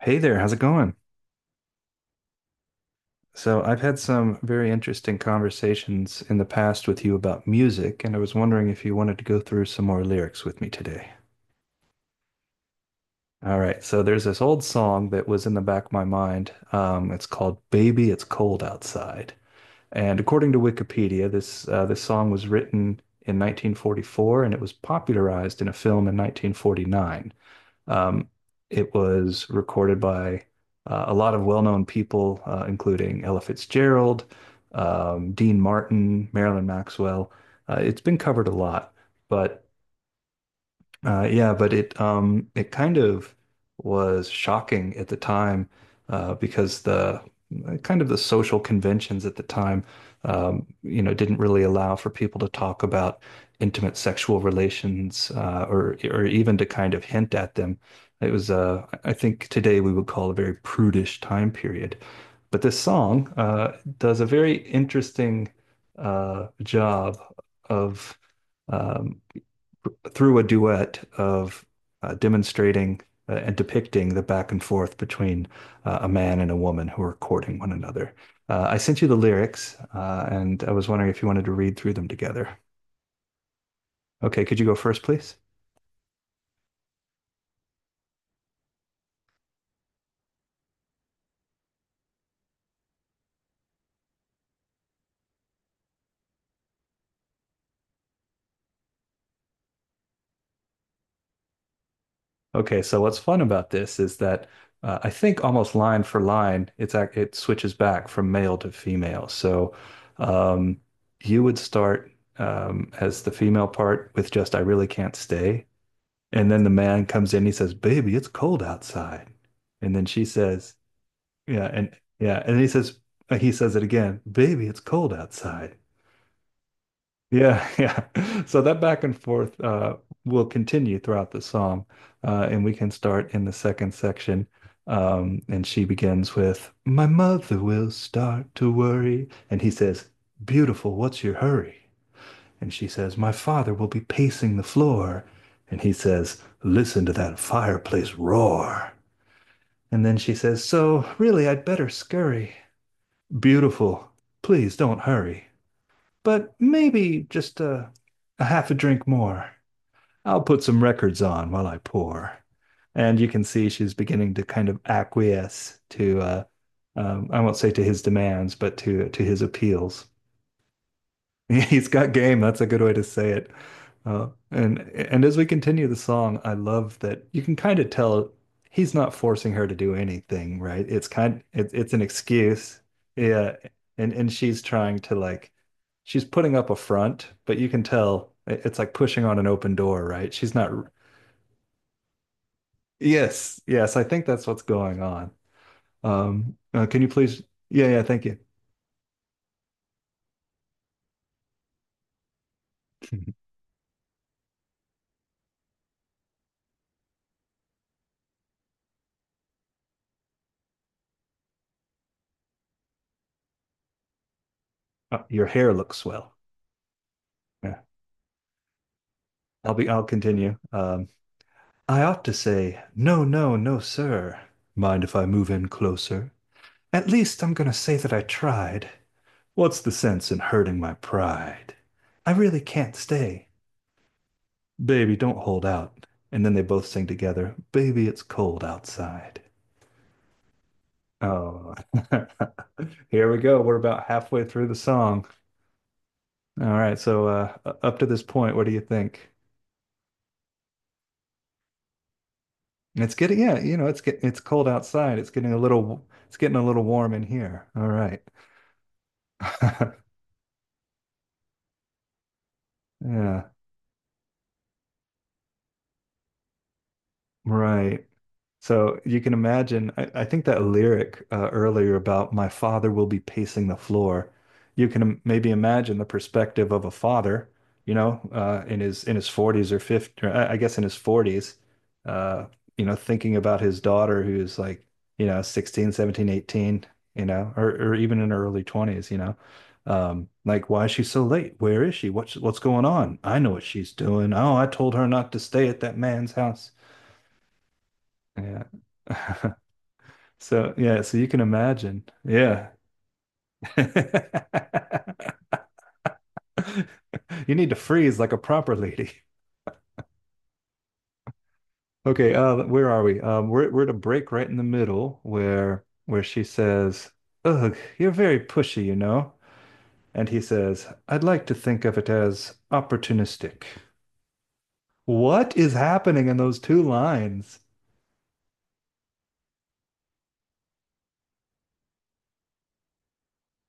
Hey there, how's it going? So, I've had some very interesting conversations in the past with you about music, and I was wondering if you wanted to go through some more lyrics with me today. All right, so there's this old song that was in the back of my mind. It's called "Baby, It's Cold Outside," and according to Wikipedia, this song was written in 1944, and it was popularized in a film in 1949. Um, it was recorded by a lot of well-known people, including Ella Fitzgerald, Dean Martin, Marilyn Maxwell. It's been covered a lot, but yeah, but it kind of was shocking at the time, because kind of the social conventions at the time didn't really allow for people to talk about intimate sexual relations, or even to kind of hint at them. It was, I think, today we would call a very prudish time period. But this song does a very interesting job of. um, through a duet of, demonstrating and depicting the back and forth between, a man and a woman who are courting one another. I sent you the lyrics, and I was wondering if you wanted to read through them together. Okay, could you go first, please? Okay, so what's fun about this is that, I think almost line for line, it switches back from male to female. So um, you would start as the female part with just "I really can't stay." And then the man comes in, he says, Baby, it's cold outside. And then she says, yeah, and yeah, and then he says, he says it again, baby, it's cold outside. Yeah, yeah. So that back and forth will continue throughout the psalm. Uh, and we can start in the second section. And she begins with, My mother will start to worry. And he says, Beautiful, what's your hurry? And she says, My father will be pacing the floor. And he says, Listen to that fireplace roar. And then she says, So, really, I'd better scurry. Beautiful. Please don't hurry. But maybe just a half a drink more. I'll put some records on while I pour. And you can see she's beginning to kind of acquiesce to, I won't say to his demands, but to his appeals. He's got game. That's a good way to say it. And as we continue the song, I love that you can kind of tell he's not forcing her to do anything, right? It's kind it's an excuse. Yeah. And she's trying to like she's putting up a front, but you can tell it's like pushing on an open door, right? She's not. Yes, yes, I think that's what's going on. Can you please? Yeah, yeah, thank you. Your hair looks swell. Yeah. I'll continue. I ought to say, no, no, no, sir. Mind if I move in closer? At least I'm going to say that I tried. What's the sense in hurting my pride? I really can't stay. Baby, don't hold out. And then they both sing together, Baby, it's cold outside. Oh, here we go. We're about halfway through the song. All right, so, up to this point, what do you think? It's getting, yeah, you know, it's cold outside. It's getting a little, it's getting a little warm in here. All right. Yeah, right. So you can imagine, I think that lyric earlier about my father will be pacing the floor. You can maybe imagine the perspective of a father, you know, in his 40s or 50, or I guess in his 40s, uh, you know, thinking about his daughter who's like, you know, 16, 17, 18, you know, or even in her early 20s, you know. Like, why is she so late? Where is she? What's going on? I know what she's doing. Oh, I told her not to stay at that man's house. Yeah. So yeah, so you can imagine. Yeah. You need to freeze like a proper lady. Okay, uh, where are we? We're at a break right in the middle where she says, "Ugh, you're very pushy, you know." And he says, "I'd like to think of it as opportunistic." What is happening in those two lines?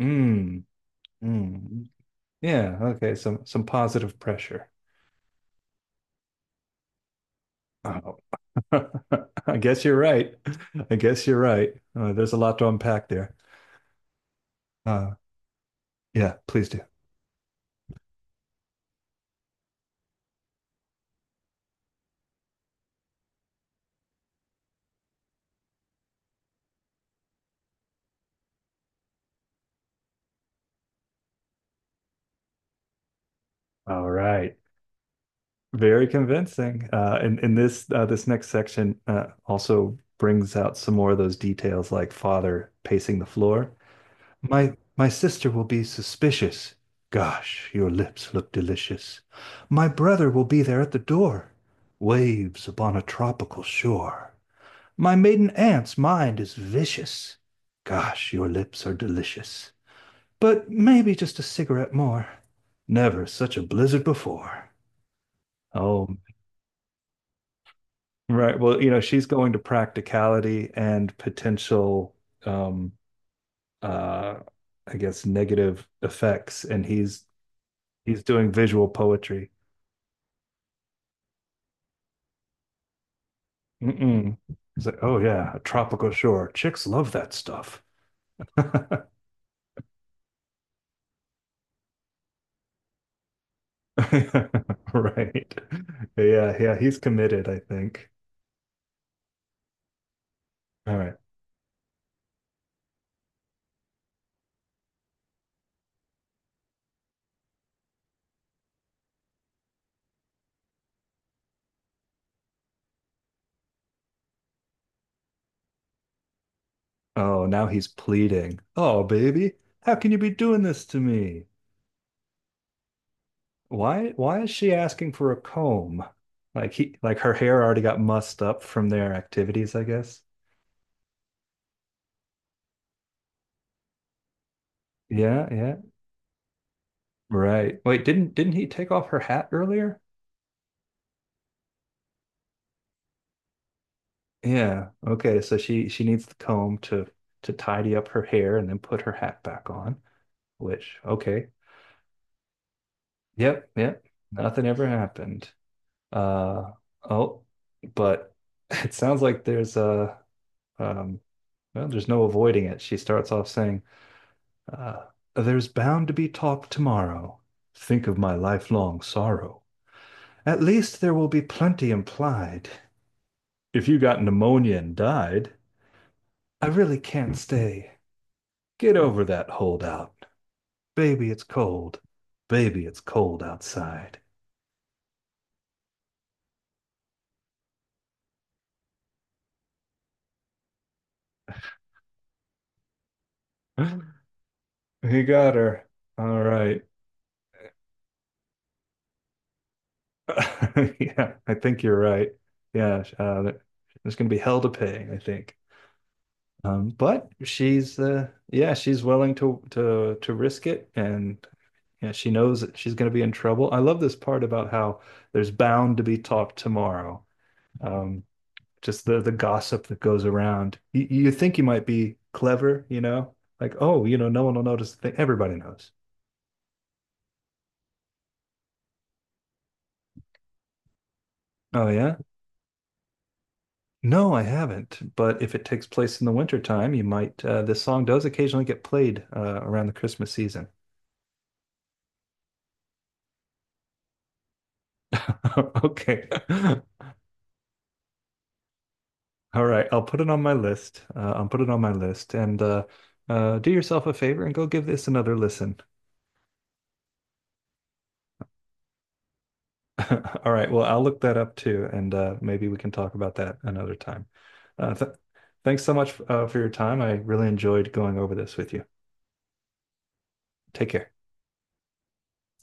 Mm, mm. Yeah, okay, some positive pressure. Oh. I guess you're right. I guess you're right. There's a lot to unpack there. Uh, yeah, please do. All right. Very convincing. And this this next section also brings out some more of those details, like father pacing the floor. My sister will be suspicious. Gosh, your lips look delicious. My brother will be there at the door. Waves upon a tropical shore. My maiden aunt's mind is vicious. Gosh, your lips are delicious. But maybe just a cigarette more. Never such a blizzard before. Oh, right. Well, you know, she's going to practicality and potential, um, uh, I guess, negative effects, and he's doing visual poetry. Mm-mm. He's like, oh yeah, a tropical shore. Chicks love that stuff. Right. Yeah, yeah, he's committed, I think. All right. Oh, now he's pleading. Oh, baby, how can you be doing this to me? Why is she asking for a comb? Like he, like her hair already got mussed up from their activities, I guess. Yeah, yeah. Right. Wait, didn't he take off her hat earlier? Yeah. Okay, so she needs the comb to tidy up her hair and then put her hat back on, which okay. Yep, yep. Nothing ever happened. Uh oh, but it sounds like there's a Um, well, there's no avoiding it. She starts off saying, uh, There's bound to be talk tomorrow. Think of my lifelong sorrow. At least there will be plenty implied. If you got pneumonia and died, I really can't stay. Get over that holdout. Baby, it's cold. Baby, it's cold outside. He got her. All right. Yeah, I think you're right. Yeah, there's going to be hell to pay, I think. But she's yeah, she's willing to to risk it, and yeah, she knows that she's going to be in trouble. I love this part about how there's bound to be talk tomorrow. Um, just the gossip that goes around. You think you might be clever, you know, like oh, you know, no one will notice. The thing. Everybody knows. Oh yeah. No, I haven't. But if it takes place in the wintertime, you might. This song does occasionally get played around the Christmas season. Okay. All right, I'll put it on my list. I'll put it on my list and do yourself a favor and go give this another listen. All right, well, I'll look that up too, and maybe we can talk about that another time. Th thanks so much for your time. I really enjoyed going over this with you. Take care.